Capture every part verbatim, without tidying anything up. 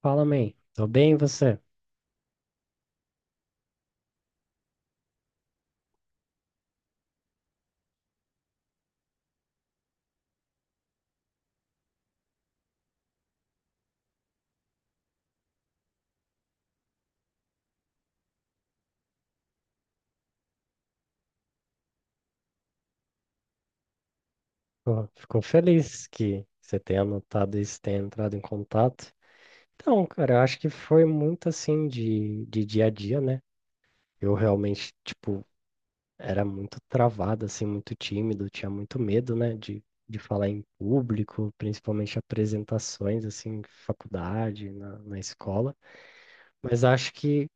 Fala, mãe. Tô bem, e você? Pô, fico feliz que você tenha anotado isso, tenha entrado em contato. Então, cara, eu acho que foi muito assim de, de dia a dia, né? Eu realmente, tipo, era muito travado, assim, muito tímido, tinha muito medo, né, de, de falar em público, principalmente apresentações, assim, em faculdade, na, na escola. Mas acho que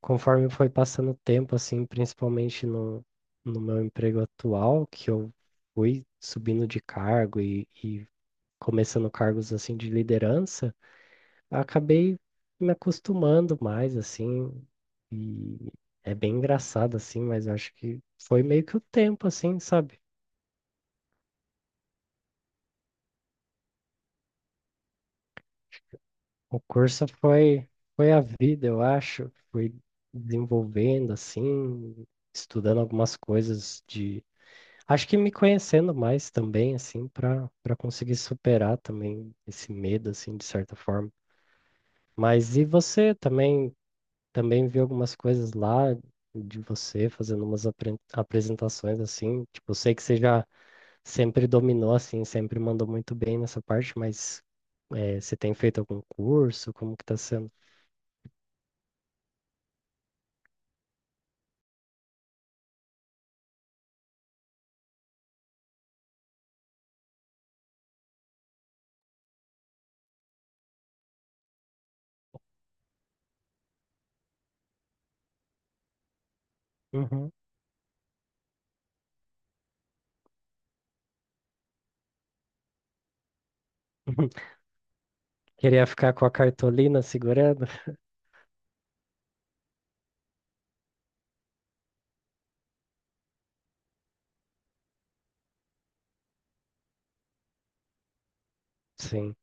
conforme foi passando o tempo, assim, principalmente no, no meu emprego atual, que eu fui subindo de cargo e, e começando cargos assim de liderança, eu acabei me acostumando mais, assim, e é bem engraçado, assim, mas acho que foi meio que o tempo, assim, sabe? O curso foi, foi a vida, eu acho, fui desenvolvendo, assim, estudando algumas coisas de. Acho que me conhecendo mais também, assim, para para conseguir superar também esse medo, assim, de certa forma. Mas e você também também viu algumas coisas lá de você fazendo umas apre- apresentações assim, tipo, eu sei que você já sempre dominou assim, sempre mandou muito bem nessa parte, mas eh, você tem feito algum curso? Como que tá sendo? Uhum. Queria ficar com a cartolina segurando? Sim,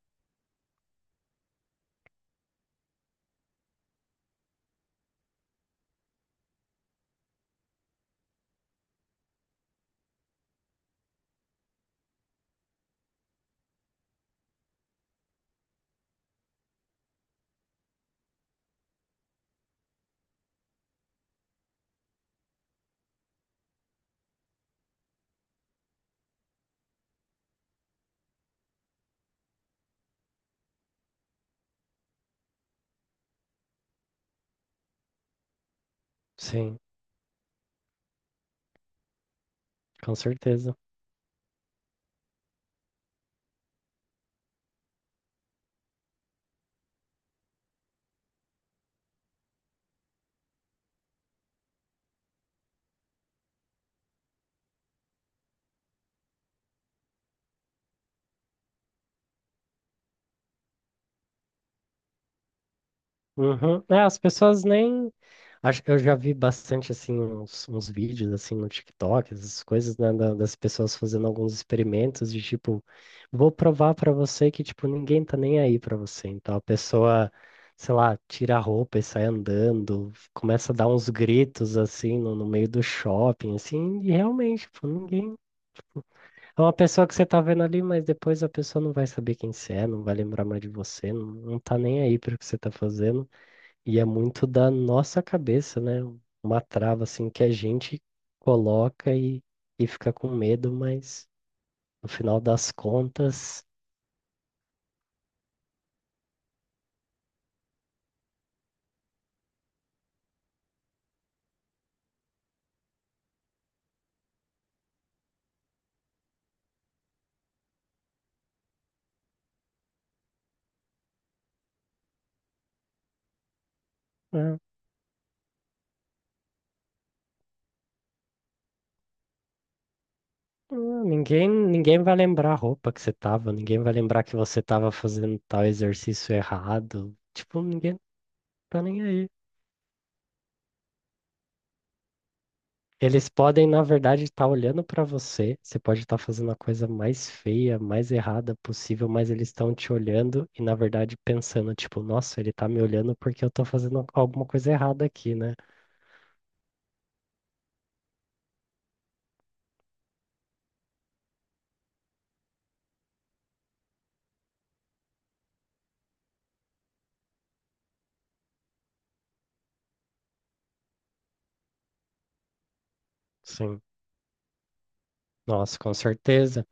sim, com certeza. Uhum. É, as pessoas nem. Acho que eu já vi bastante assim uns, uns vídeos assim no TikTok, essas coisas, né, da- das pessoas fazendo alguns experimentos de tipo, vou provar pra você que tipo ninguém tá nem aí pra você. Então a pessoa, sei lá, tira a roupa e sai andando, começa a dar uns gritos assim no, no meio do shopping, assim, e realmente, tipo, ninguém. É uma pessoa que você tá vendo ali, mas depois a pessoa não vai saber quem você é, não vai lembrar mais de você, não, não tá nem aí para o que você tá fazendo. E é muito da nossa cabeça, né? Uma trava assim que a gente coloca e, e fica com medo, mas no final das contas, né, hum, ninguém, ninguém vai lembrar a roupa que você tava, ninguém vai lembrar que você tava fazendo tal exercício errado. Tipo, ninguém tá nem aí. Eles podem, na verdade, estar olhando para você. Você pode estar fazendo a coisa mais feia, mais errada possível, mas eles estão te olhando e, na verdade, pensando, tipo, nossa, ele tá me olhando porque eu tô fazendo alguma coisa errada aqui, né? Sim. Nossa, com certeza.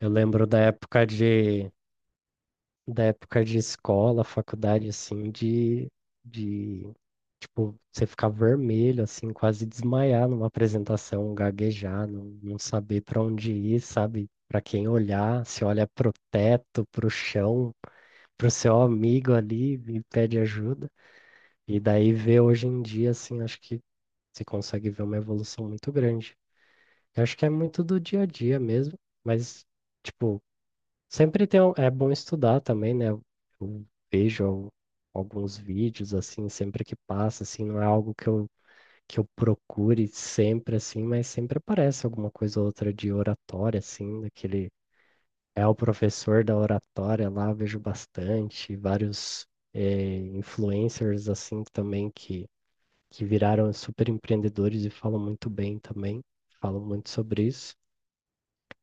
Eu lembro da época de. Da época de escola, faculdade, assim, de, de, tipo, você ficar vermelho, assim, quase desmaiar numa apresentação, gaguejar, não, não saber para onde ir, sabe? Para quem olhar, se olha pro teto, pro chão, pro seu amigo ali e pede ajuda. E daí ver hoje em dia, assim, acho que você consegue ver uma evolução muito grande. Eu acho que é muito do dia a dia mesmo, mas, tipo, sempre tem um, é bom estudar também, né? Eu eu vejo al- alguns vídeos assim, sempre que passa, assim, não é algo que eu, que eu procure sempre assim, mas sempre aparece alguma coisa ou outra de oratória, assim, daquele é o professor da oratória lá, vejo bastante, vários eh, influencers assim também que, que viraram super empreendedores e falam muito bem também, falam muito sobre isso.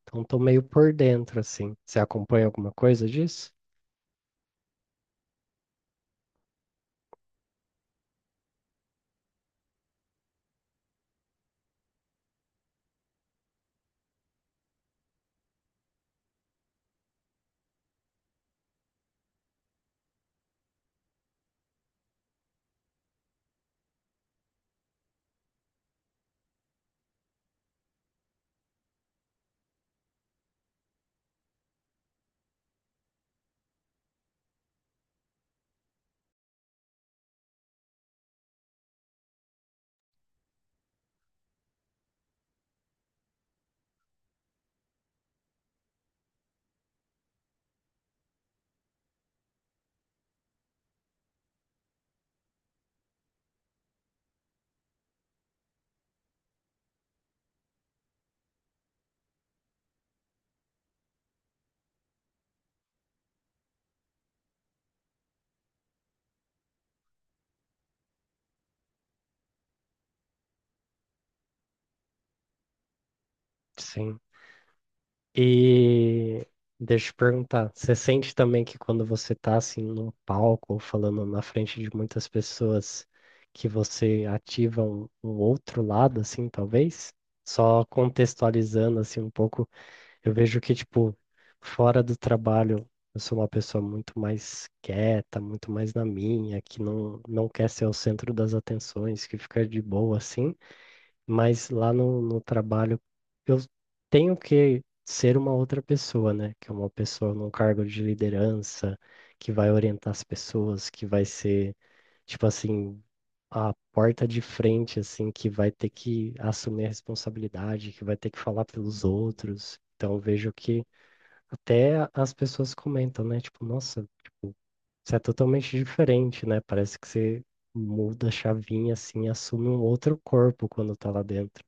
Então tô meio por dentro, assim. Você acompanha alguma coisa disso? Sim. E deixa eu te perguntar, você sente também que quando você tá assim num palco ou falando na frente de muitas pessoas que você ativa um, um outro lado assim, talvez? Só contextualizando assim um pouco, eu vejo que tipo fora do trabalho eu sou uma pessoa muito mais quieta, muito mais na minha, que não não quer ser o centro das atenções, que fica de boa assim, mas lá no, no trabalho eu tenho que ser uma outra pessoa, né? Que é uma pessoa num cargo de liderança, que vai orientar as pessoas, que vai ser, tipo assim, a porta de frente, assim, que vai ter que assumir a responsabilidade, que vai ter que falar pelos outros. Então eu vejo que até as pessoas comentam, né? Tipo, nossa, você é totalmente diferente, né? Parece que você muda a chavinha, assim, e assume um outro corpo quando tá lá dentro.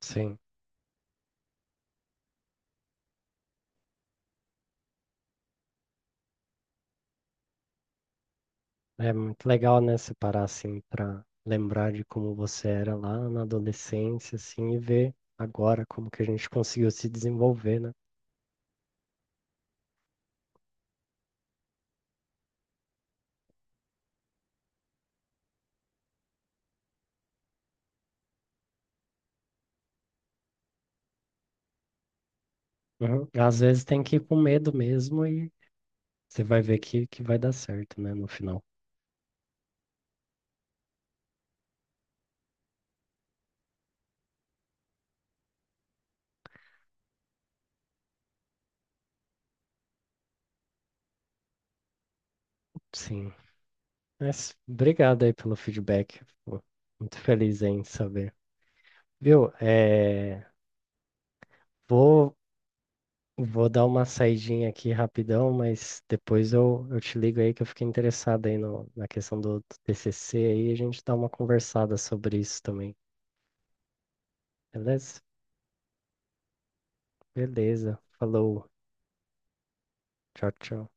Sim, é muito legal, né, separar assim para lembrar de como você era lá na adolescência, assim, e ver agora como que a gente conseguiu se desenvolver, né? Uhum. Às vezes tem que ir com medo mesmo e você vai ver que, que vai dar certo, né, no final. Sim. Mas obrigado aí pelo feedback. Fico muito feliz aí em saber. Viu? É, vou vou dar uma saidinha aqui rapidão, mas depois eu, eu te ligo aí que eu fiquei interessado aí no, na questão do, do T C C aí, a gente dá uma conversada sobre isso também, beleza? Beleza, falou, tchau, tchau.